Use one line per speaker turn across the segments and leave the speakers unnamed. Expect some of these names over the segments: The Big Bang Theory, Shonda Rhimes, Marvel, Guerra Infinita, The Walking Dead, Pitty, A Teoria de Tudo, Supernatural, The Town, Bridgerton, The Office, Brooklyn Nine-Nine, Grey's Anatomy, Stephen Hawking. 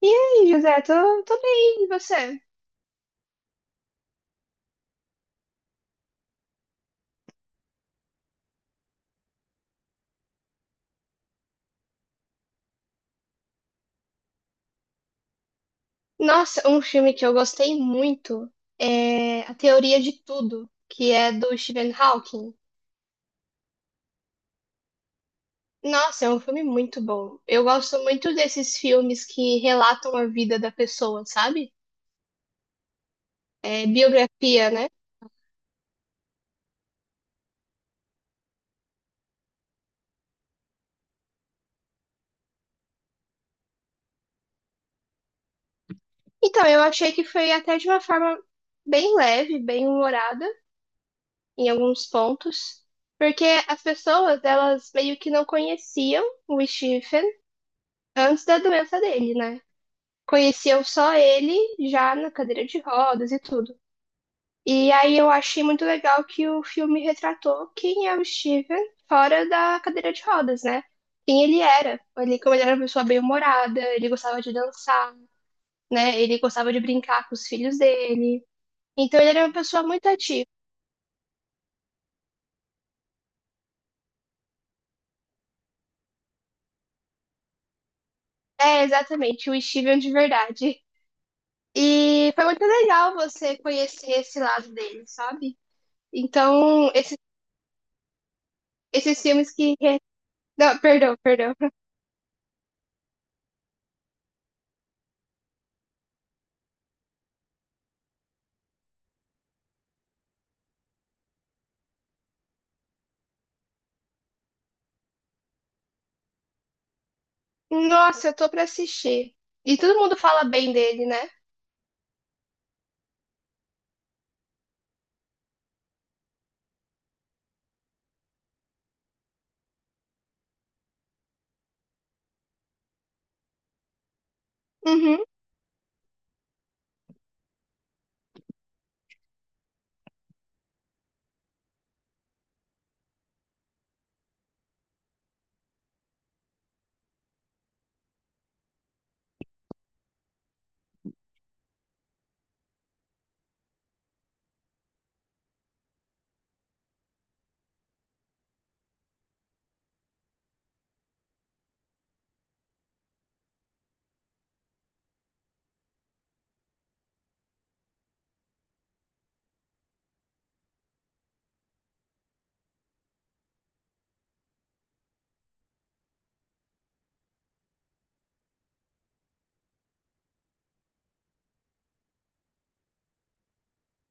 E aí, José, tô bem, e você? Nossa, um filme que eu gostei muito é A Teoria de Tudo, que é do Stephen Hawking. Nossa, é um filme muito bom. Eu gosto muito desses filmes que relatam a vida da pessoa, sabe? É biografia, né? Então, eu achei que foi até de uma forma bem leve, bem humorada em alguns pontos, porque as pessoas, elas meio que não conheciam o Stephen antes da doença dele, né? Conheciam só ele já na cadeira de rodas e tudo. E aí eu achei muito legal que o filme retratou quem é o Steven fora da cadeira de rodas, né? Quem ele era. Ele, como ele era uma pessoa bem-humorada, ele gostava de dançar, né? Ele gostava de brincar com os filhos dele. Então ele era uma pessoa muito ativa. É, exatamente, o Steven de verdade. E foi muito legal você conhecer esse lado dele, sabe? Então, esse, esses filmes que. Re- Não, perdão, perdão. Nossa, eu tô pra assistir. E todo mundo fala bem dele, né? Uhum.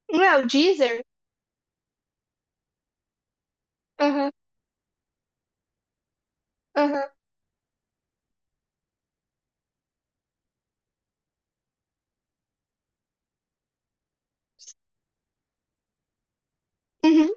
Não é o Deezer? Aham, aham, uhum.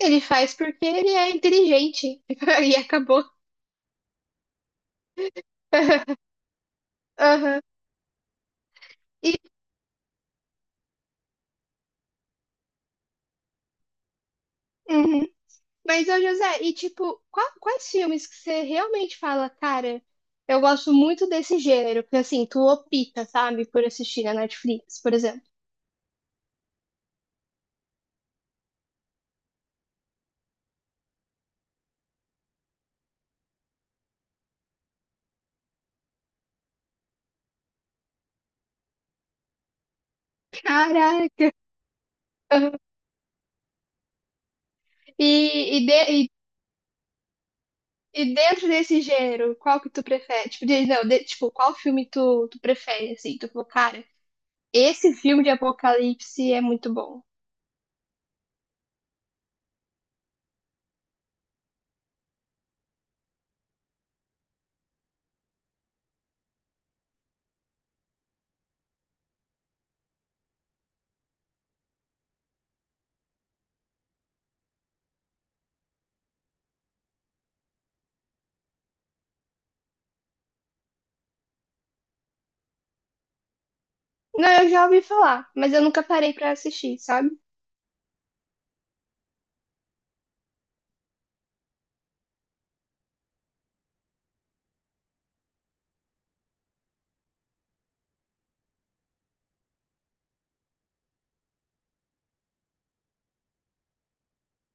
Ele faz porque ele é inteligente. E acabou. Aham. E, uhum. Mas, ô José, e tipo, quais filmes que você realmente fala, cara, eu gosto muito desse gênero? Porque assim, tu opta, sabe, por assistir na Netflix, por exemplo. Caraca! Aham. E, e, de- E dentro desse gênero, qual que tu prefere? Tipo, não, tipo, qual filme tu prefere, assim? Tu falou, cara, esse filme de apocalipse é muito bom. Não, eu já ouvi falar, mas eu nunca parei pra assistir, sabe?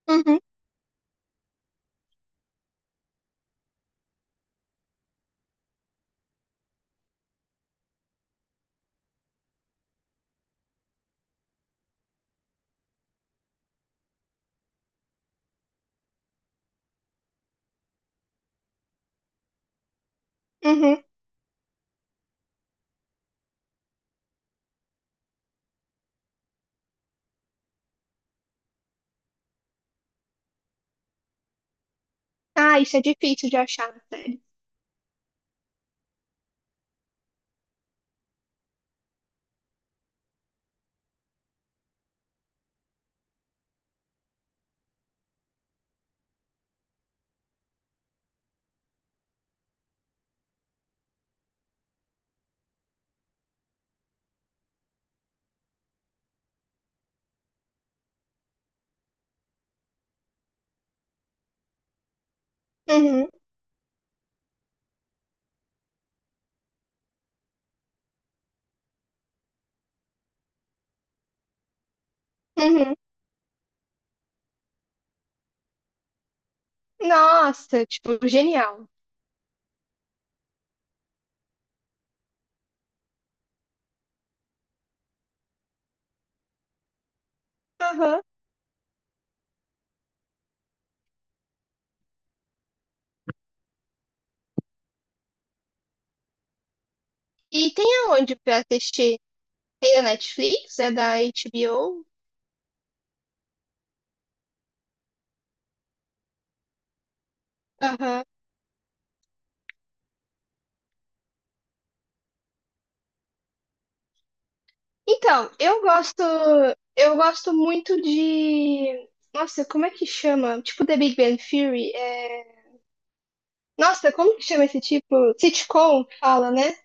Uhum, uhum. Ah, isso é difícil de achar na série. Uhum, uhum. Nossa, tipo, genial. Aham. E tem aonde pra assistir? Tem na Netflix? É da HBO? Aham. Então, eu gosto muito de, nossa, como é que chama? Tipo The Big Bang Theory, Nossa, como que chama esse tipo? Sitcom, fala, né?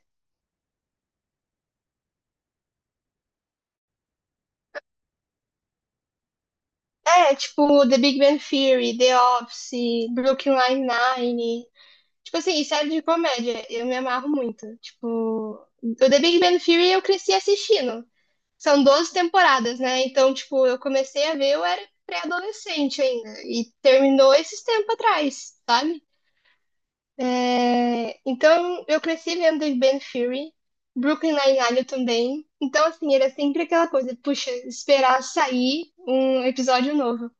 É, tipo The Big Bang Theory, The Office, Brooklyn Nine-Nine. Tipo assim, série de comédia, eu me amarro muito. Tipo, o The Big Bang Theory eu cresci assistindo. São 12 temporadas, né? Então, tipo, eu comecei a ver, eu era pré-adolescente ainda. E terminou esses tempos atrás, sabe? É, então, eu cresci vendo Ben Fury, Brooklyn Nine-Nine também. Então, assim, era sempre aquela coisa, puxa, esperar sair um episódio novo.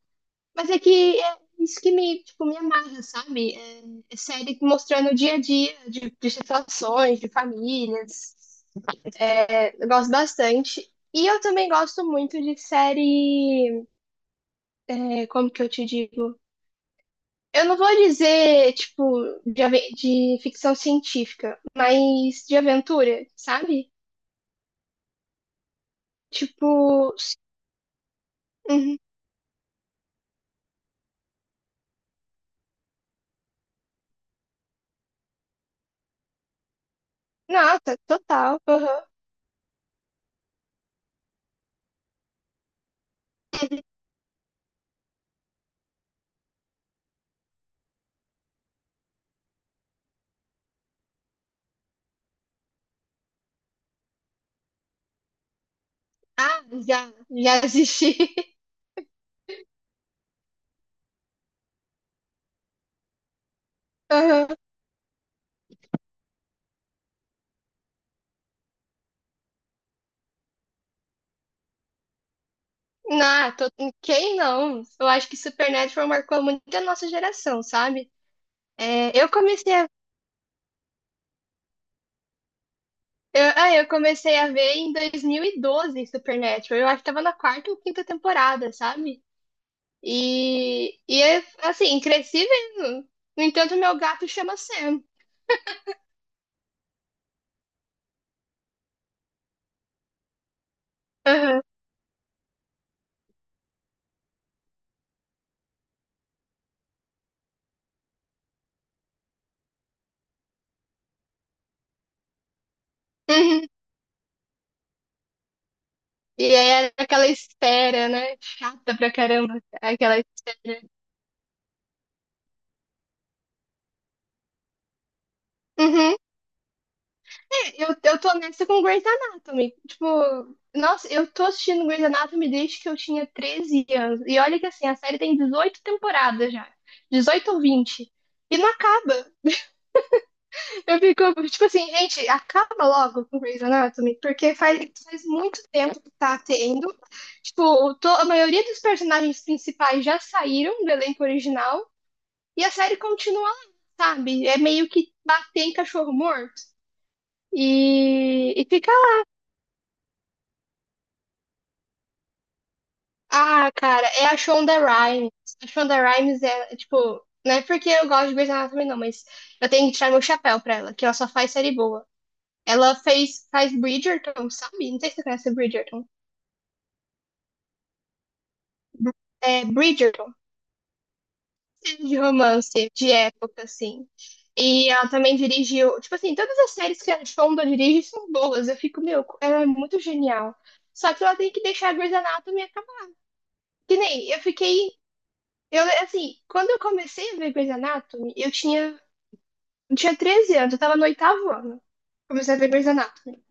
Mas é que é isso que me, tipo, me amarra, sabe? É, é série mostrando o dia a dia de situações, de famílias. É, eu gosto bastante. E eu também gosto muito de série, é, como que eu te digo? Eu não vou dizer, tipo, de ficção científica, mas de aventura, sabe? Tipo, uhum. Nossa, total. Aham. Ah, já, já assisti. Aham. Não, quem não? Eu acho que Supernatural marcou muito a nossa geração, sabe? É, eu comecei a ver em 2012 Supernatural. Eu acho que tava na quarta ou quinta temporada, sabe? E é, assim, cresci vendo. No entanto, meu gato chama Sam. Aham. Uhum. E aí é aquela espera, né? Chata pra caramba, aquela espera. Uhum. É, eu tô nessa com Grey's Anatomy. Tipo, nossa, eu tô assistindo Grey's Anatomy desde que eu tinha 13 anos. E olha que assim, a série tem 18 temporadas já. 18 ou 20. E não acaba. Eu fico, tipo assim, gente, acaba logo com Grey's Anatomy, porque faz muito tempo que tá tendo. Tipo, a maioria dos personagens principais já saíram do elenco original e a série continua lá, sabe? É meio que bater em cachorro morto. E fica lá. Ah, cara, é a Shonda Rhimes. A Shonda Rhimes é, tipo, não é porque eu gosto de Grey's Anatomy, não, mas eu tenho que tirar meu chapéu pra ela, que ela só faz série boa. Ela fez, faz Bridgerton, sabe? Não sei se você conhece Bridgerton. É, Bridgerton, série de romance, de época, assim. E ela também dirigiu, tipo assim, todas as séries que a Fonda dirige são boas. Eu fico, meu, ela é muito genial. Só que ela tem que deixar a Grey's Anatomy acabar. Que nem, eu, assim, quando eu comecei a ver Grey's Anatomy, eu tinha 13 anos, eu tava no oitavo ano. Comecei a ver Grey's Anatomy.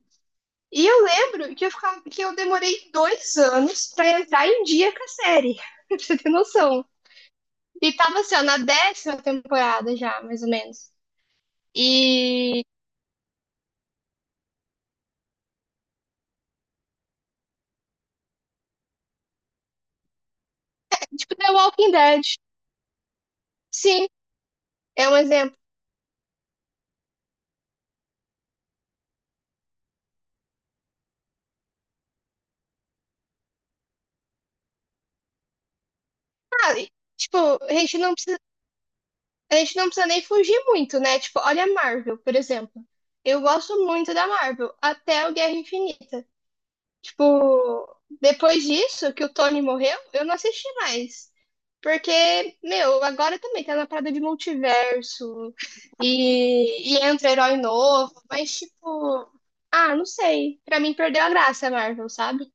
E eu lembro que que eu demorei 2 anos pra entrar em dia com a série. Pra você ter noção. E tava assim, ó, na décima temporada já, mais ou menos. E, tipo, The Walking Dead. Sim, é um exemplo. Ah, e, tipo, a gente não precisa, a gente não precisa nem fugir muito, né? Tipo, olha a Marvel, por exemplo. Eu gosto muito da Marvel, até o Guerra Infinita. Tipo, depois disso, que o Tony morreu, eu não assisti mais. Porque, meu, agora também tá na parada de multiverso e entra herói novo, mas tipo, ah, não sei. Pra mim perdeu a graça, Marvel, sabe?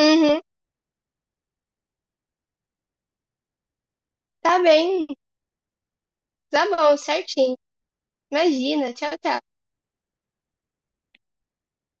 Uhum, tá bem, tá bom, certinho. Imagina, tchau, tchau.